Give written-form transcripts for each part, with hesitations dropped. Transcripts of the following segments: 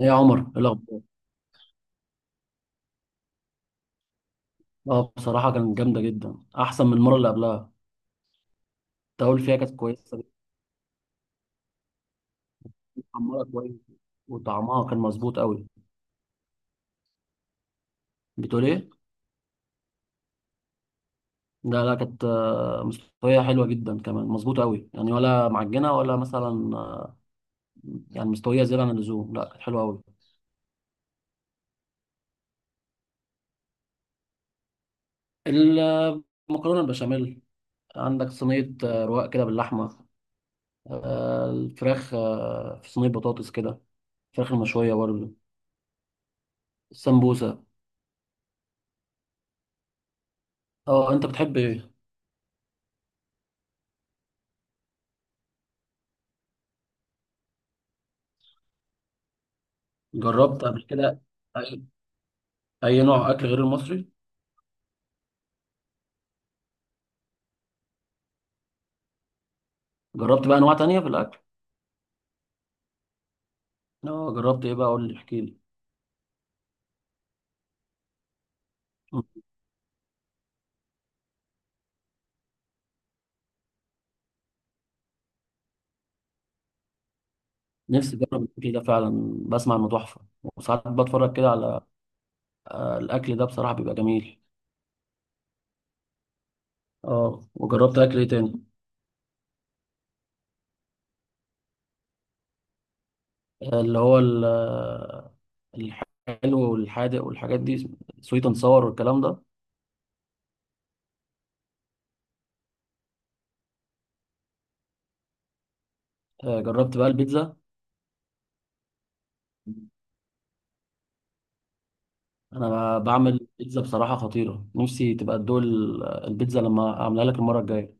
ايه يا عمر، ايه الاخبار؟ اه، بصراحه كانت جامده جدا، احسن من المره اللي قبلها. التقول فيها كانت كويسه، كانت محمره كويس وطعمها كان مظبوط قوي. بتقول ايه؟ لا لا كانت مستويه حلوه جدا كمان، مظبوطه قوي يعني، ولا معجنه ولا مثلا يعني مستويه زياده عن اللزوم. لا كانت حلوه قوي. المكرونه البشاميل، عندك صينيه رواق كده باللحمه، الفراخ، في صينيه بطاطس كده، الفراخ المشويه برضه، السمبوسه. اه انت بتحب ايه؟ جربت قبل كده اي نوع اكل غير المصري؟ جربت بقى انواع تانية في الاكل؟ اه جربت ايه بقى؟ قول لي، احكي لي. مم. نفسي اجرب الاكل ده فعلا، بسمع انه تحفه، وساعات بتفرج كده على الاكل ده، بصراحه بيبقى جميل. اه وجربت اكل ايه تاني؟ اللي هو الحلو والحادق والحاجات دي، سويت اند ساور والكلام ده. جربت بقى البيتزا. انا بعمل بيتزا بصراحه خطيره، نفسي تبقى تدوق البيتزا لما اعملها لك المره الجايه.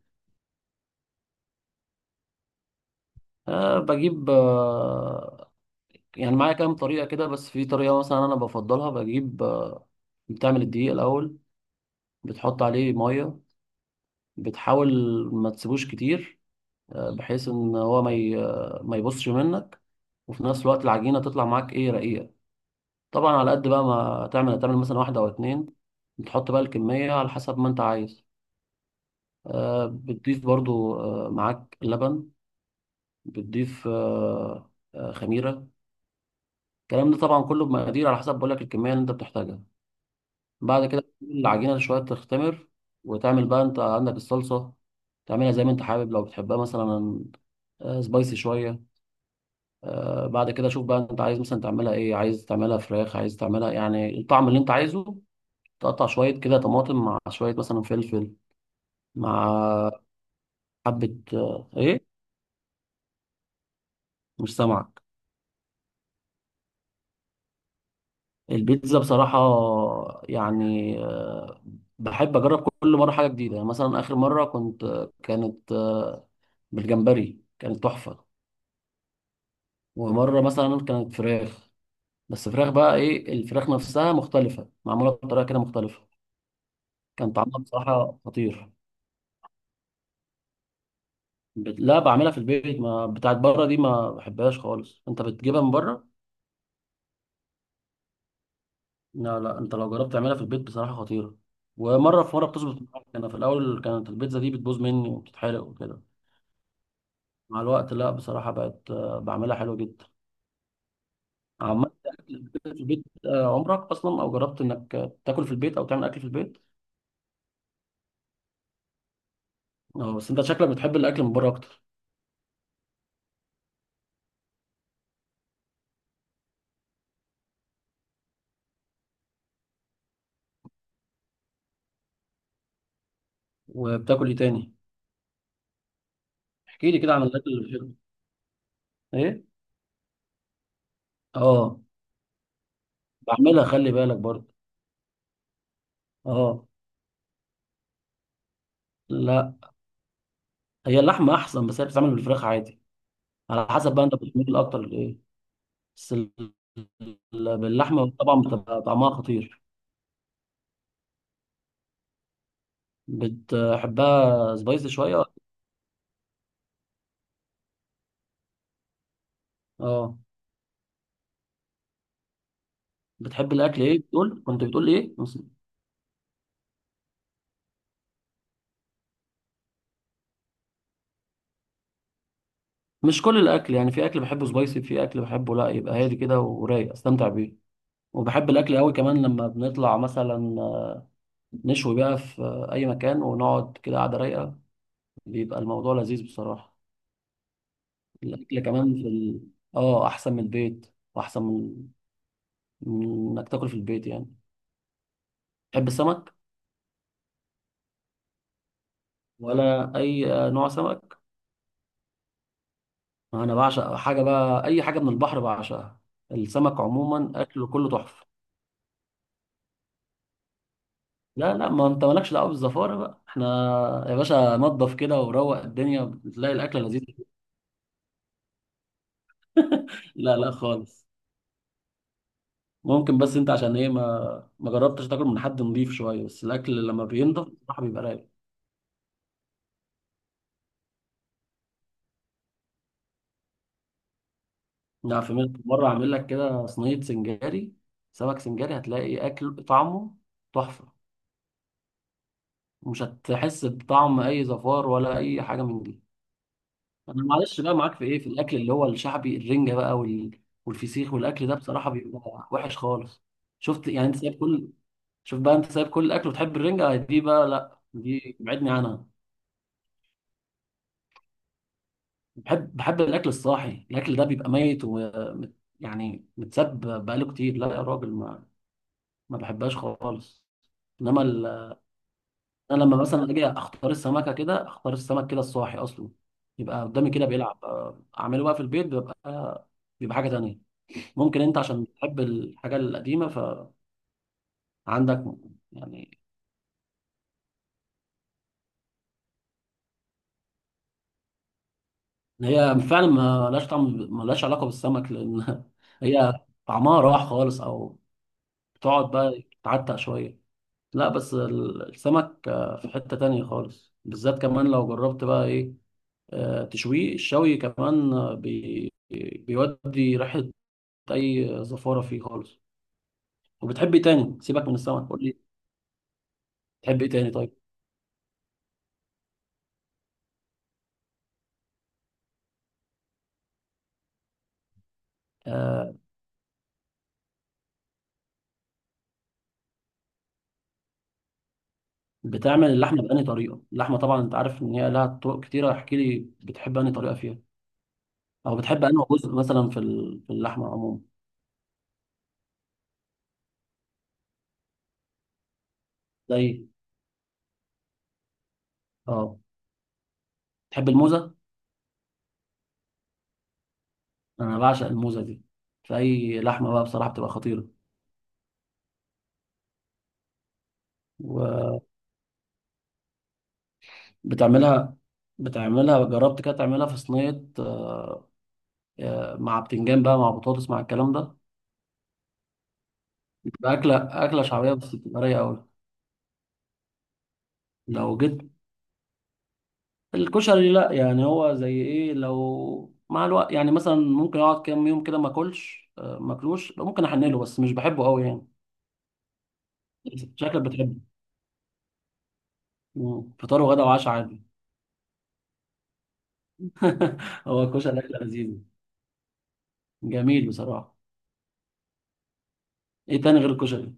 أه، بجيب يعني معايا كام طريقة كده، بس في طريقة مثلا أنا بفضلها. بجيب بتعمل الدقيق الأول، بتحط عليه مية، بتحاول ما تسيبوش كتير، بحيث إن هو ما ي- آه، ما يبصش منك، وفي نفس الوقت العجينة تطلع معاك إيه، رقيقة. طبعا على قد بقى ما تعمل مثلا واحدة أو اتنين. بتحط بقى الكمية على حسب ما أنت عايز. بتضيف برضو معاك لبن، بتضيف خميرة. الكلام ده طبعا كله بمقادير على حسب، بقولك الكمية اللي أنت بتحتاجها. بعد كده تسيب العجينة شوية تختمر، وتعمل بقى انت عندك الصلصة، تعملها زي ما انت حابب. لو بتحبها مثلا سبايسي شوية. بعد كده شوف بقى انت عايز مثلا تعملها ايه، عايز تعملها فراخ، عايز تعملها يعني الطعم اللي انت عايزه. تقطع شوية كده طماطم مع شوية مثلا فلفل، مع حبة ايه. مش سامعك. البيتزا بصراحة يعني بحب أجرب كل مرة حاجة جديدة. يعني مثلا آخر مرة كنت كانت بالجمبري، كانت تحفة. ومرة مثلا كانت فراخ، بس فراخ بقى ايه، الفراخ نفسها مختلفة، معمولة بطريقة كده مختلفة. كان طعمها بصراحة خطير. لا بعملها في البيت، ما بتاعت بره دي ما بحبهاش خالص، انت بتجيبها من بره. لا لا، انت لو جربت تعملها في البيت بصراحة خطيرة. ومرة في مرة بتظبط معاك، انا في الاول كانت البيتزا دي بتبوظ مني وبتتحرق وكده. مع الوقت لا، بصراحة بقت بعملها حلو جدا. عملت اكل في البيت عمرك اصلا، او جربت انك تاكل في البيت او تعمل اكل في البيت؟ اه، بس انت شكلك بتحب الاكل من بره اكتر. وبتاكل ايه تاني؟ احكي لي كده عن الاكل اللي بتحبه. ايه. اه. بعملها، خلي بالك برضه. اه. لا، هي اللحمه احسن، بس هي بتتعمل بالفراخ عادي. على حسب بقى انت بتميل اكتر لايه. بس باللحمه طبعا بتبقى طعمها خطير. بتحبها سبايسي شويه. اه. بتحب الاكل ايه؟ بتقول، كنت بتقول ايه مش كل الاكل يعني، في اكل بحبه سبايسي، في اكل بحبه لا، يبقى هادي كده ورايق، استمتع بيه. وبحب الاكل قوي كمان لما بنطلع مثلا، نشوي بقى في اي مكان، ونقعد كده قعده رايقه، بيبقى الموضوع لذيذ بصراحه. الاكل كمان في ال... اه احسن من البيت، واحسن من من انك تاكل في البيت يعني. تحب السمك؟ ولا اي نوع سمك؟ انا بعشق حاجه بقى، اي حاجه من البحر بعشقها، السمك عموما اكله كله تحفه. لا لا، ما انت مالكش دعوه بالزفاره بقى، احنا يا باشا نضف كده وروق الدنيا، بتلاقي الاكله لذيذه. لا لا خالص. ممكن، بس انت عشان ايه ما جربتش تاكل من حد نضيف شويه؟ بس الاكل لما بينضف بصراحه بيبقى رايق. يعني في مره اعمل لك كده صينيه سنجاري، سمك سنجاري، هتلاقي اكل طعمه تحفه، ومش هتحس بطعم اي زفار ولا اي حاجه من دي. انا معلش بقى معاك في ايه، في الاكل اللي هو الشعبي، الرنجه بقى وال... والفسيخ والاكل ده بصراحه بيبقى وحش خالص. شفت يعني انت سايب كل، شوف بقى انت سايب كل الاكل وتحب الرنجه دي بقى؟ لا دي ابعدني عنها. بحب الاكل الصاحي، الاكل ده بيبقى ميت ومت يعني، متساب بقاله كتير، لا يا راجل، ما بحبهاش خالص. انما ال... انا لما مثلا اجي اختار السمكه كده، اختار السمك كده الصاحي اصلا، يبقى قدامي كده بيلعب اعمله بقى في البيت، بيبقى حاجه تانية. ممكن انت عشان بتحب الحاجه القديمه، فعندك يعني، إن هي فعلا ما لهاش طعم، ما لهاش علاقه بالسمك، لان هي طعمها راح خالص، او بتقعد بقى تعتق شويه. لا بس السمك في حتة تانية خالص، بالذات كمان لو جربت بقى ايه تشويه، الشوي كمان آه، بي بيودي ريحة اي زفارة فيه خالص. وبتحب ايه تاني سيبك من السمك؟ قول لي. بتحب ايه تاني طيب؟ آه، بتعمل اللحمة بأنهي طريقة؟ اللحمة طبعا انت عارف ان هي لها طرق كتيرة، احكي لي بتحب أنهي طريقة فيها، او بتحب أنهي جزء مثلا في في اللحمة عموما؟ زي. اه. بتحب الموزة؟ انا بعشق الموزة دي، في اي لحمة بقى بصراحة بتبقى خطيرة. و... بتعملها، جربت كده تعملها في صينية مع بتنجان بقى، مع بطاطس، مع الكلام ده؟ بتبقى أكلة شعبية، بس بتبقى رايقة أوي. لو جيت، الكشري لأ يعني، هو زي إيه، لو مع الوقت يعني مثلا، ممكن أقعد كام يوم كده ما أكلش ما أكلوش، ممكن أحنله، بس مش بحبه أوي يعني. شكلك بتحبه. مم. فطار وغدا وعشاء عادي. هو الكشري أكلة لذيذة، جميل بصراحة. إيه تاني غير الكشري؟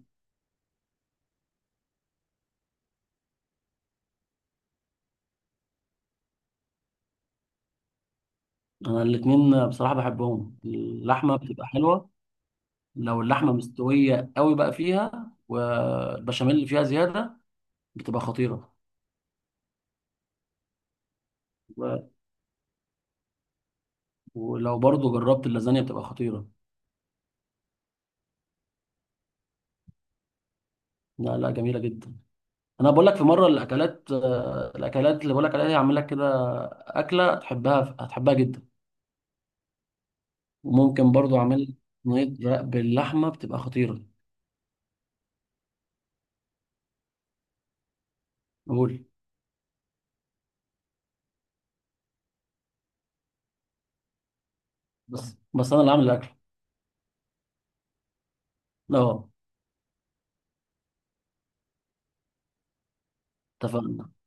أنا الاتنين بصراحة بحبهم، اللحمة بتبقى حلوة. لو اللحمه مستويه قوي بقى فيها، والبشاميل اللي فيها زياده، بتبقى خطيره. و- ولو برضو جربت اللازانيا بتبقى خطيره. لا لا جميله جدا. انا بقول لك في مره الاكلات، الاكلات اللي بقول لك عليها دي هعمل لك كده اكله تحبها، هتحبها جدا. وممكن برضو اعمل لك صينيه رق باللحمه بتبقى خطيره. قول. بس انا اللي عامل الاكل. اه. اتفقنا.